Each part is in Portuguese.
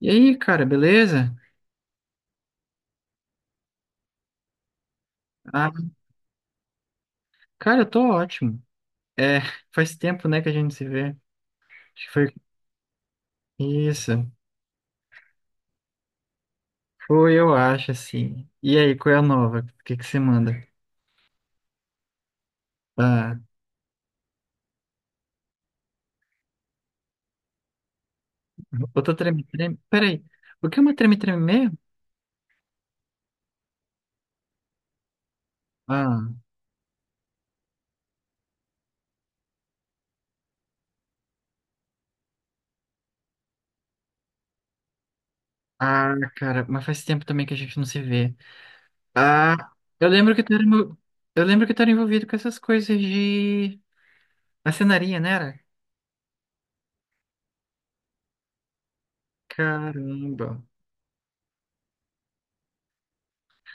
E aí, cara, beleza? Ah, cara, eu tô ótimo. É, faz tempo, né, que a gente se vê. Acho que foi isso. Foi, eu acho, assim. E aí, qual é a nova? O que que você manda? Ah, outra treme-treme. Peraí, o que é uma treme-treme mesmo? Ah, ah, cara, mas faz tempo também que a gente não se vê. Ah, eu lembro que tu era, envol- eu lembro que tu era envolvido com essas coisas de marcenaria, né, era? Caramba.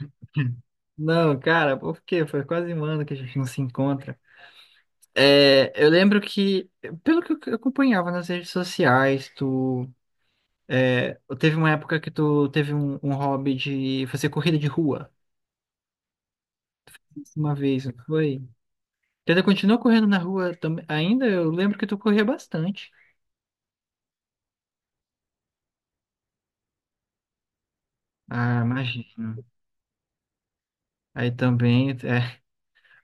Não, cara, por quê? Foi quase um ano que a gente não se encontra. É, eu lembro que, pelo que eu acompanhava nas redes sociais, é, teve uma época que tu teve um hobby de fazer corrida de rua. Uma vez, não foi? Tu ainda continuou correndo na rua também? Ainda eu lembro que tu corria bastante. Ah, imagino. Aí também, é.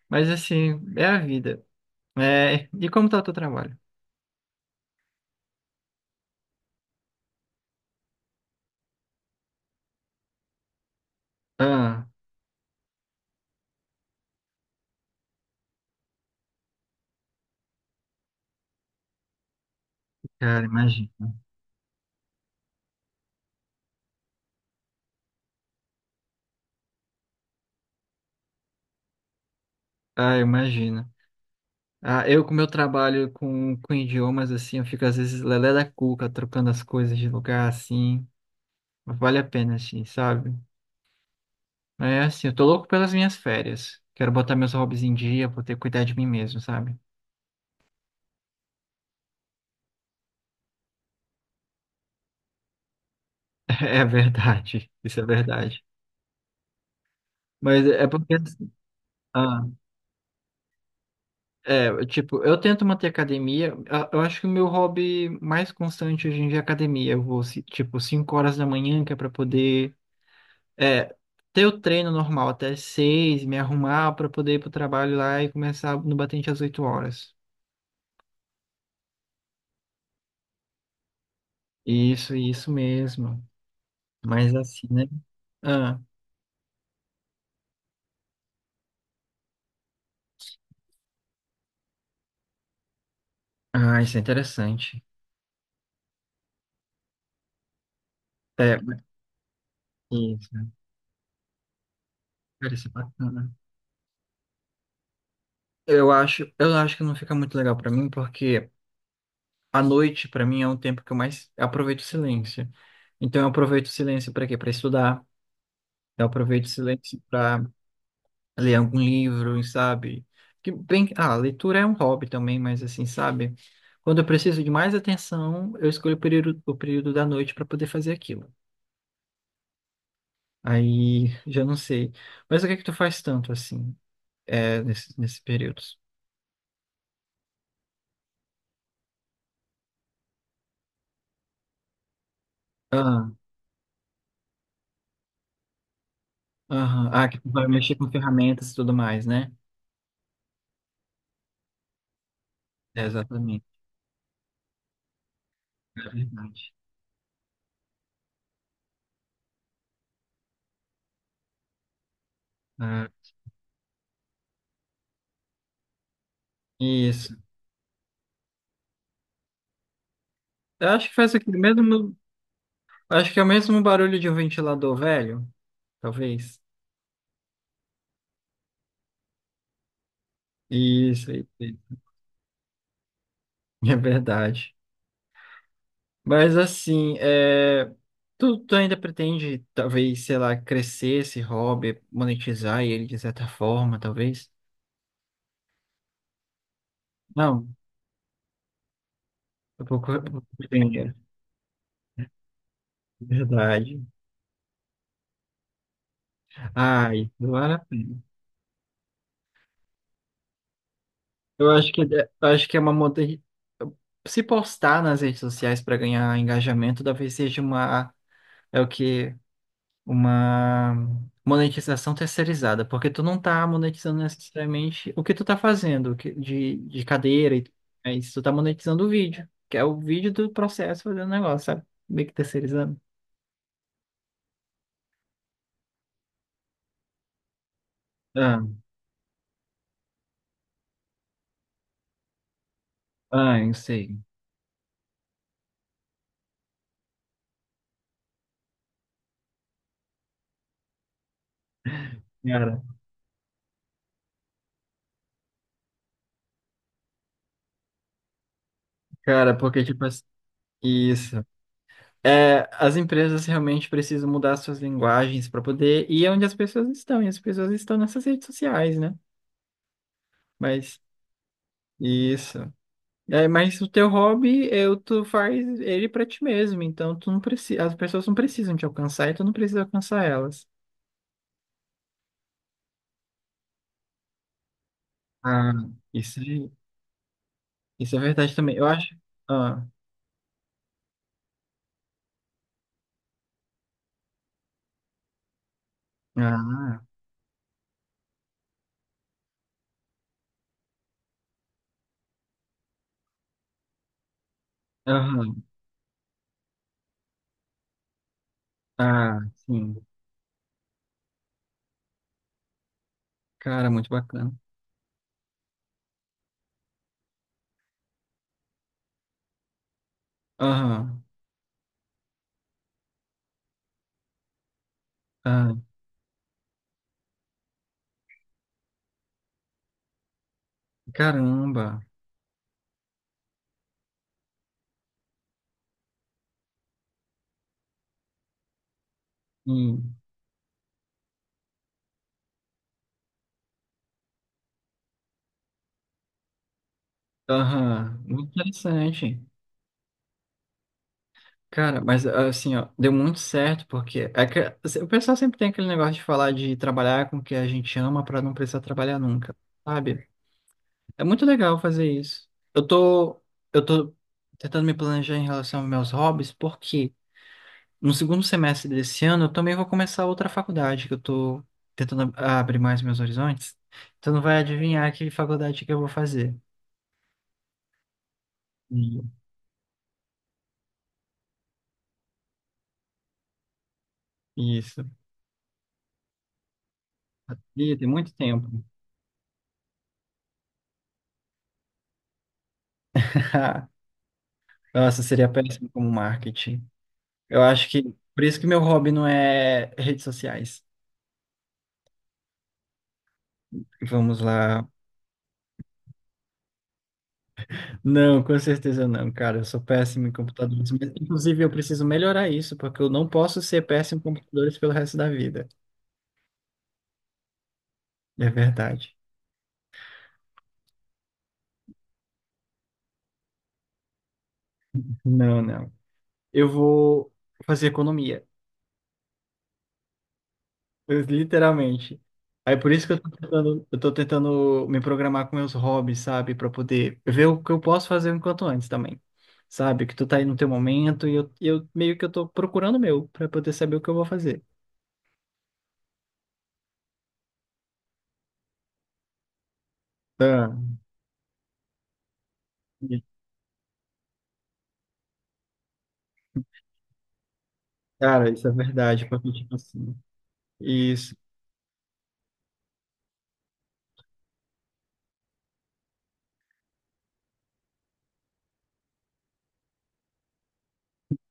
Mas assim, é a vida. É, e como tá o teu trabalho? Ah, cara, imagina. Ah, imagina. Ah, eu com meu trabalho com idiomas, assim, eu fico às vezes lelé da cuca, trocando as coisas de lugar, assim. Mas vale a pena, assim, sabe? É assim, eu tô louco pelas minhas férias. Quero botar meus hobbies em dia, vou ter que cuidar de mim mesmo, sabe? É verdade, isso é verdade. Mas é porque, assim, ah, tipo, eu tento manter academia. Ah, eu acho que o meu hobby mais constante hoje em dia é academia. Eu vou, tipo, 5 horas da manhã, que é pra poder É, ter o treino normal até 6, me arrumar para poder ir pro trabalho lá e começar no batente às 8 horas. Isso, isso mesmo. Mas assim, né? Ah, ah, isso é interessante. É, isso. Cara, isso é bacana. Eu acho que não fica muito legal para mim, porque a noite, para mim, é um tempo que eu mais aproveito o silêncio. Então, eu aproveito o silêncio para quê? Para estudar. Eu aproveito o silêncio para ler algum livro, sabe? Que bem, a leitura é um hobby também, mas assim, sabe? Quando eu preciso de mais atenção, eu escolho o período da noite para poder fazer aquilo. Aí, já não sei. Mas o que é que tu faz tanto assim, nesses períodos? Ah, aham. Ah, que tu vai mexer com ferramentas e tudo mais, né? É, exatamente. É verdade. Ah, isso. Eu acho que faz aquele mesmo, acho que é o mesmo barulho de um ventilador velho, talvez. Isso, isso. Isso. É verdade. Mas assim, tu ainda pretende, talvez, sei lá, crescer esse hobby, monetizar ele de certa forma, talvez? Não, eu pouco dinheiro, verdade. Ai, não vale a pena. Eu acho que é uma monte... Se postar nas redes sociais para ganhar engajamento, talvez seja uma. É o que. Uma monetização terceirizada, porque tu não tá monetizando necessariamente o que tu tá fazendo de cadeira, e, é isso, tu tá monetizando o vídeo, que é o vídeo do processo fazendo negócio, sabe? Meio que terceirizando. Ah, ah, eu sei. Cara, cara, porque tipo assim, isso. É, as empresas realmente precisam mudar suas linguagens para poder ir onde as pessoas estão, e as pessoas estão nessas redes sociais, né? Mas isso. É, mas o teu hobby, tu faz ele pra ti mesmo, então tu não precisa, as pessoas não precisam te alcançar e tu não precisa alcançar elas. Ah, isso, isso é verdade também. Eu acho. Ah, ah, aham, ah, sim. Cara, muito bacana. Aham, ah, caramba. Hum, aham, muito interessante. Cara, mas assim, ó, deu muito certo, porque é que- assim, o pessoal sempre tem aquele negócio de falar de trabalhar com o que a gente ama pra não precisar trabalhar nunca, sabe? É muito legal fazer isso. Eu tô, eu tô tentando me planejar em relação aos meus hobbies, porque no segundo semestre desse ano eu também vou começar outra faculdade, que eu tô tentando abrir mais meus horizontes. Então não vai adivinhar que faculdade que eu vou fazer. E- Isso. Ih, tem muito tempo. Nossa, seria péssimo como marketing. Eu acho que por isso que meu hobby não é redes sociais. Vamos lá. Não, com certeza não, cara. Eu sou péssimo em computadores. Mas, inclusive, eu preciso melhorar isso, porque eu não posso ser péssimo em computadores pelo resto da vida. É verdade. Não, não. Eu vou fazer economia, literalmente. Aí por isso que eu tô tentando, me programar com meus hobbies, sabe? Pra poder ver o que eu posso fazer enquanto antes também. Sabe? Que tu tá aí no teu momento e eu meio que eu tô procurando o meu pra poder saber o que eu vou fazer. Ah, e- cara, isso é verdade, porque tipo assim. Isso.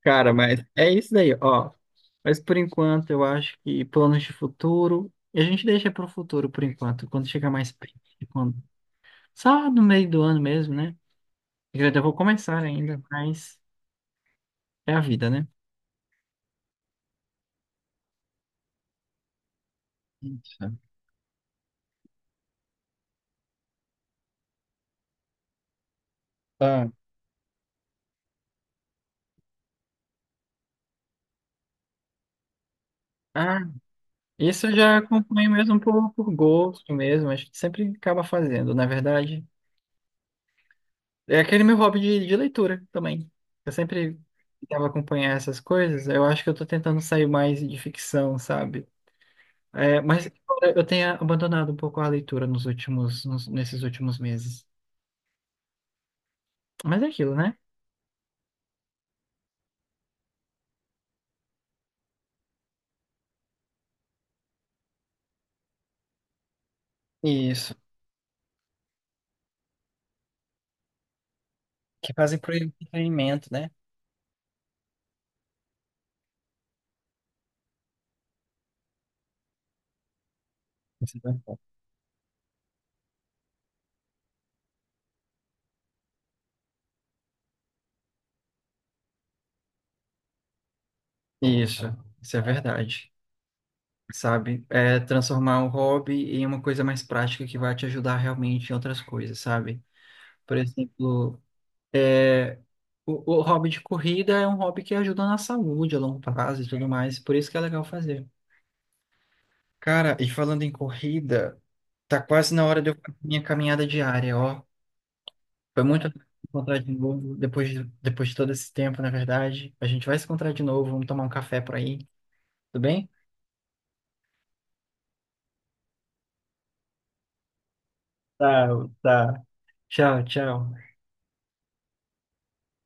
Cara, mas é isso daí, ó. Mas por enquanto, eu acho que planos de futuro, a gente deixa para o futuro por enquanto, quando chegar mais perto, quando... só no meio do ano mesmo, né? Eu ainda vou começar ainda, mas é a vida, né? Isso. Ah, Ah, isso eu já acompanho mesmo por, gosto mesmo, a gente sempre acaba fazendo, na verdade. É aquele meu hobby de leitura também. Eu sempre tentava acompanhar essas coisas, eu acho que eu tô tentando sair mais de ficção, sabe? É, mas embora eu tenha abandonado um pouco a leitura nos últimos, nesses últimos meses. Mas é aquilo, né? Isso. Que fazem pro entretenimento, né? Isso. É bom. Isso, isso é verdade. Sabe? É transformar um hobby em uma coisa mais prática que vai te ajudar realmente em outras coisas, sabe? Por exemplo, é, o hobby de corrida é um hobby que ajuda na saúde a longo prazo e tudo mais, por isso que é legal fazer. Cara, e falando em corrida, tá quase na hora de eu fazer minha caminhada diária, ó. Foi muito legal encontrar de novo, depois de todo esse tempo, na verdade. A gente vai se encontrar de novo, vamos tomar um café por aí, tudo bem? Tá, tá. Tchau, tchau.